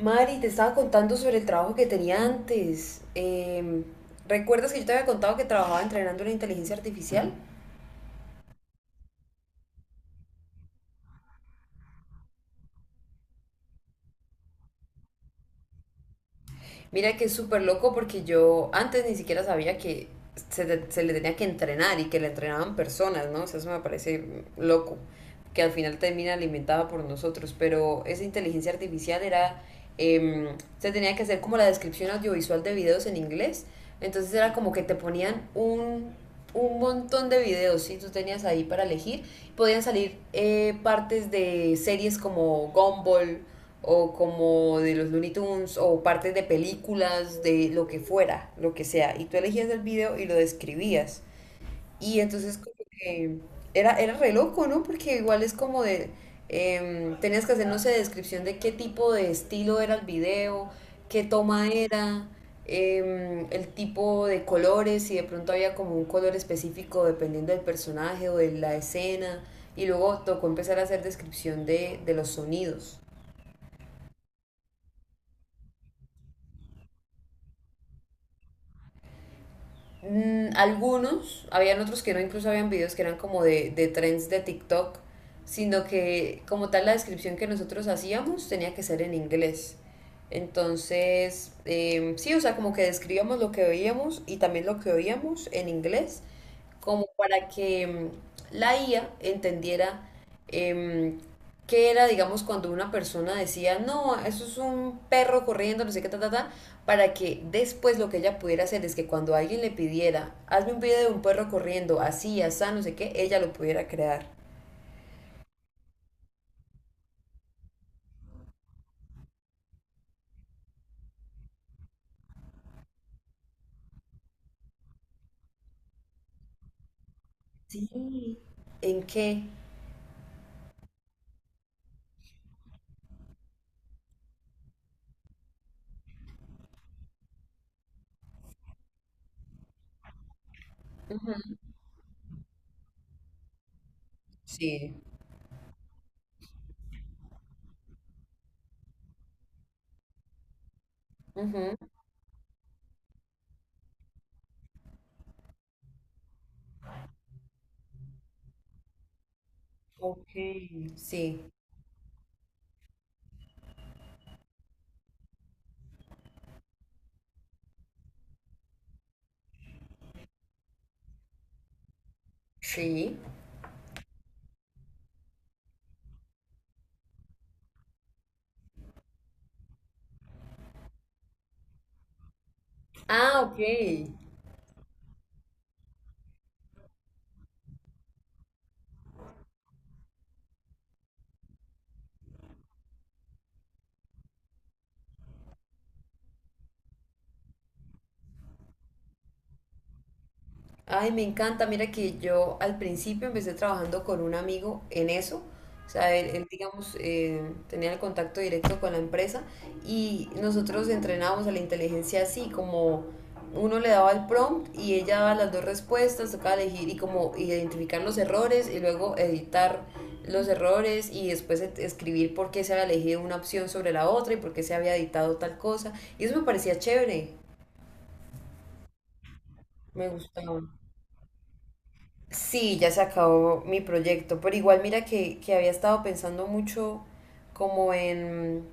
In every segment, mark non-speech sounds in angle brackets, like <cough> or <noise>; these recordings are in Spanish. Mari, te estaba contando sobre el trabajo que tenía antes. ¿Recuerdas que yo te había contado que trabajaba entrenando la inteligencia artificial? Mira que es súper loco porque yo antes ni siquiera sabía que se le tenía que entrenar y que le entrenaban personas, ¿no? O sea, eso me parece loco, que al final termina alimentada por nosotros, pero esa inteligencia artificial era, em, se tenía que hacer como la descripción audiovisual de videos en inglés. Entonces era como que te ponían un montón de videos, ¿sí? Tú tenías ahí para elegir, podían salir partes de series como Gumball, o como de los Looney Tunes o partes de películas, de lo que fuera, lo que sea. Y tú elegías el video y lo describías. Y entonces como que era re loco, ¿no? Porque igual es como de, tenías que hacer, no sé, descripción de qué tipo de estilo era el video, qué toma era, el tipo de colores, si de pronto había como un color específico dependiendo del personaje o de la escena. Y luego tocó empezar a hacer descripción de los sonidos. Mm, algunos, habían otros que no, incluso habían videos que eran como de trends de TikTok, sino que como tal la descripción que nosotros hacíamos tenía que ser en inglés. Entonces, sí, o sea, como que describíamos lo que veíamos y también lo que oíamos en inglés como para que la IA entendiera em, qué era, digamos, cuando una persona decía, no, eso es un perro corriendo, no sé qué, ta, ta, ta, para que después lo que ella pudiera hacer es que cuando alguien le pidiera, hazme un video de un perro corriendo, así, así, no sé qué, ella lo pudiera crear. ¿En qué? Sí. Ujú. Sí, sí. Ah, ok. Ay, me encanta. Mira que yo al principio empecé trabajando con un amigo en eso. O sea, digamos, tenía el contacto directo con la empresa y nosotros entrenábamos a la inteligencia así, como uno le daba el prompt y ella daba las dos respuestas, tocaba elegir y como identificar los errores y luego editar los errores y después escribir por qué se había elegido una opción sobre la otra y por qué se había editado tal cosa. Y eso me parecía chévere, me gustaba. Sí, ya se acabó mi proyecto, pero igual mira que había estado pensando mucho como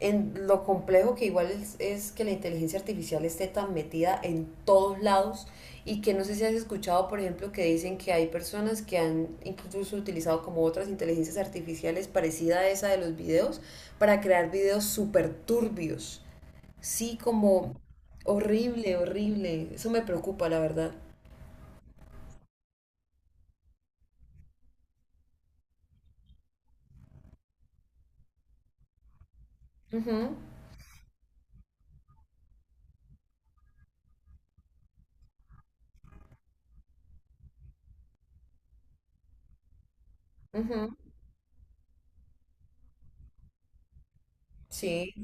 en lo complejo que igual es que la inteligencia artificial esté tan metida en todos lados y que no sé si has escuchado, por ejemplo, que dicen que hay personas que han incluso utilizado como otras inteligencias artificiales parecida a esa de los videos para crear videos súper turbios. Sí, como horrible, horrible. Eso me preocupa, la verdad. Ujú, ujú, sí.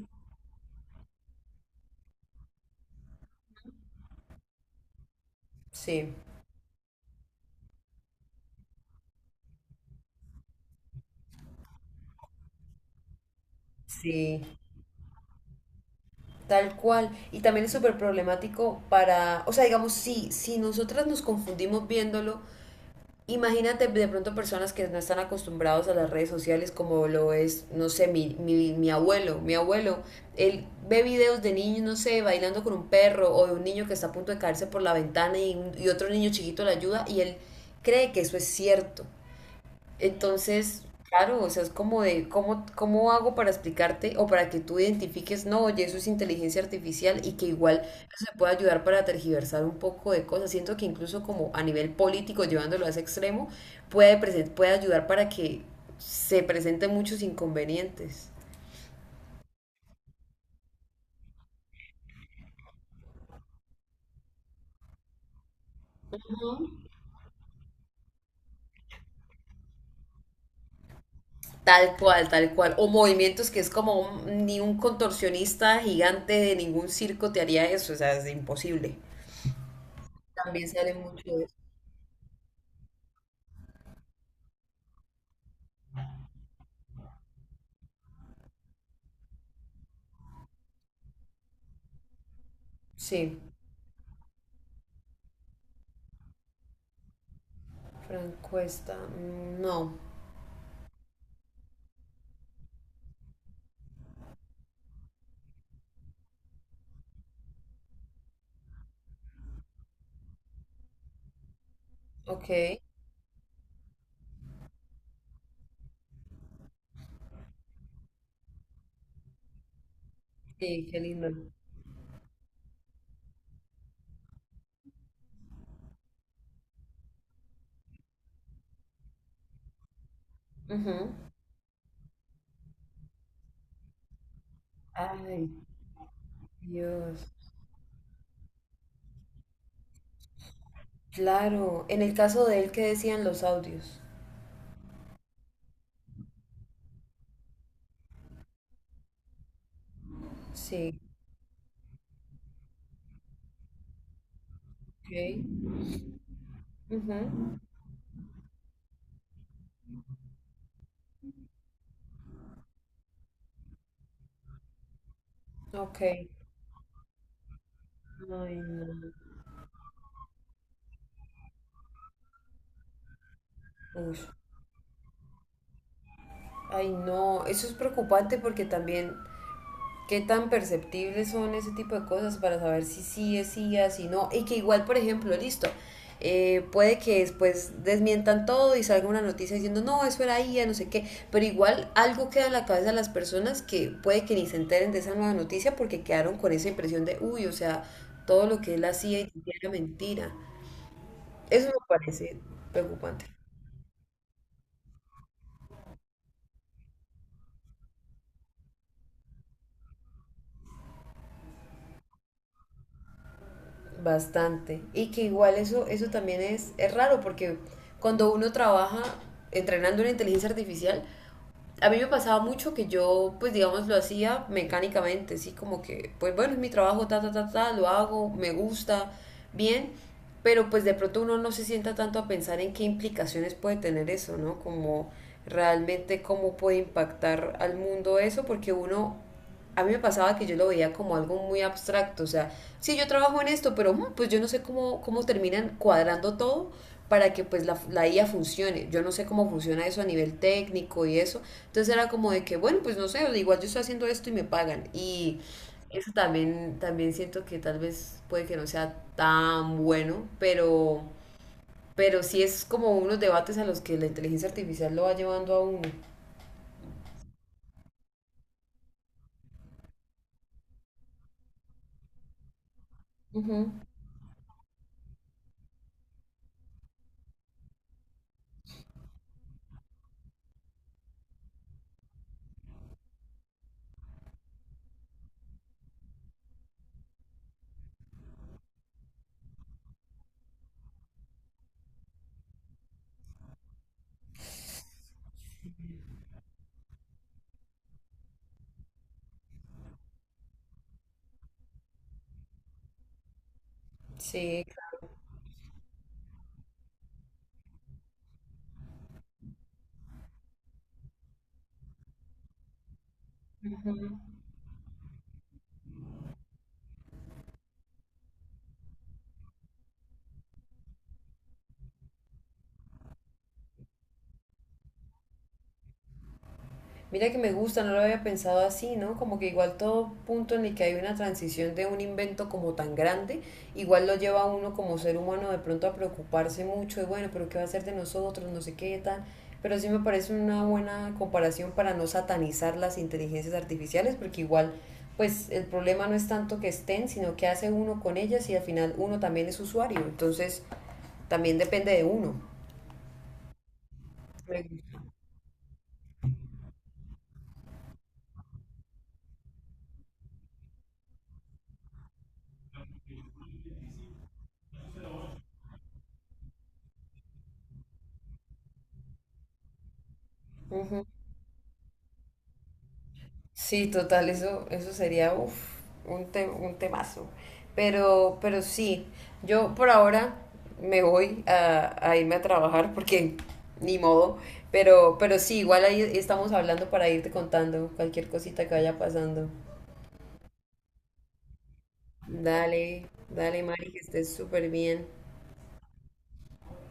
Sí, sí, tal cual. Y también es súper problemático para, o sea, digamos, si nosotras nos confundimos viéndolo, imagínate de pronto personas que no están acostumbrados a las redes sociales como lo es, no sé, mi abuelo, él ve videos de niños, no sé, bailando con un perro o de un niño que está a punto de caerse por la ventana y otro niño chiquito le ayuda y él cree que eso es cierto. Entonces, claro, o sea, es como de, ¿cómo, cómo hago para explicarte o para que tú identifiques, no, oye, eso es inteligencia artificial y que igual eso te puede ayudar para tergiversar un poco de cosas? Siento que incluso como a nivel político, llevándolo a ese extremo, puede ayudar para que se presenten muchos inconvenientes. Tal cual, tal cual. O movimientos que es como ni un contorsionista gigante de ningún circo te haría eso, o sea, es imposible. También sale mucho de eso. Sí. Francuesta, mm, no. Ok, sí, qué lindo. Ujú. Ay, Dios. Claro, en el caso de él, ¿qué decían los audios? Sí, ok. Ujú. Ok. Ay, no. Ush. Ay, no, eso es preocupante porque también qué tan perceptibles son ese tipo de cosas para saber si sí es sí si no, y que igual, por ejemplo, listo, puede que después desmientan todo y salga una noticia diciendo, no, eso era IA, no sé qué, pero igual algo queda en la cabeza de las personas que puede que ni se enteren de esa nueva noticia porque quedaron con esa impresión de, uy, o sea, todo lo que él hacía y era mentira. Eso me parece preocupante. Bastante. Y que igual eso también es raro porque cuando uno trabaja entrenando una inteligencia artificial, a mí me pasaba mucho que yo, pues digamos, lo hacía mecánicamente, sí, como que, pues bueno, es mi trabajo, ta, ta, ta, ta, lo hago, me gusta, bien, pero pues de pronto uno no se sienta tanto a pensar en qué implicaciones puede tener eso, ¿no? Como realmente cómo puede impactar al mundo eso, porque uno a mí me pasaba que yo lo veía como algo muy abstracto, o sea, sí, yo trabajo en esto, pero pues yo no sé cómo, cómo terminan cuadrando todo para que pues la IA funcione. Yo no sé cómo funciona eso a nivel técnico y eso. Entonces era como de que, bueno, pues no sé, igual yo estoy haciendo esto y me pagan. Y eso también, también siento que tal vez puede que no sea tan bueno, pero sí es como unos debates a los que la inteligencia artificial lo va llevando a uno. Ujú. Sí. Mira que me gusta, no lo había pensado así, ¿no? Como que igual todo punto en el que hay una transición de un invento como tan grande, igual lo lleva a uno como ser humano de pronto a preocuparse mucho de, bueno, pero ¿qué va a ser de nosotros? No sé qué tal. Pero sí me parece una buena comparación para no satanizar las inteligencias artificiales, porque igual, pues el problema no es tanto que estén, sino que hace uno con ellas y al final uno también es usuario. Entonces, también depende de uno. Me gusta. Sí, total, eso sería uf, un temazo. Pero sí, yo por ahora me voy a irme a trabajar porque <laughs> ni modo. Pero sí, igual ahí estamos hablando para irte contando cualquier cosita que vaya pasando. Dale, dale, Mari, que estés súper bien.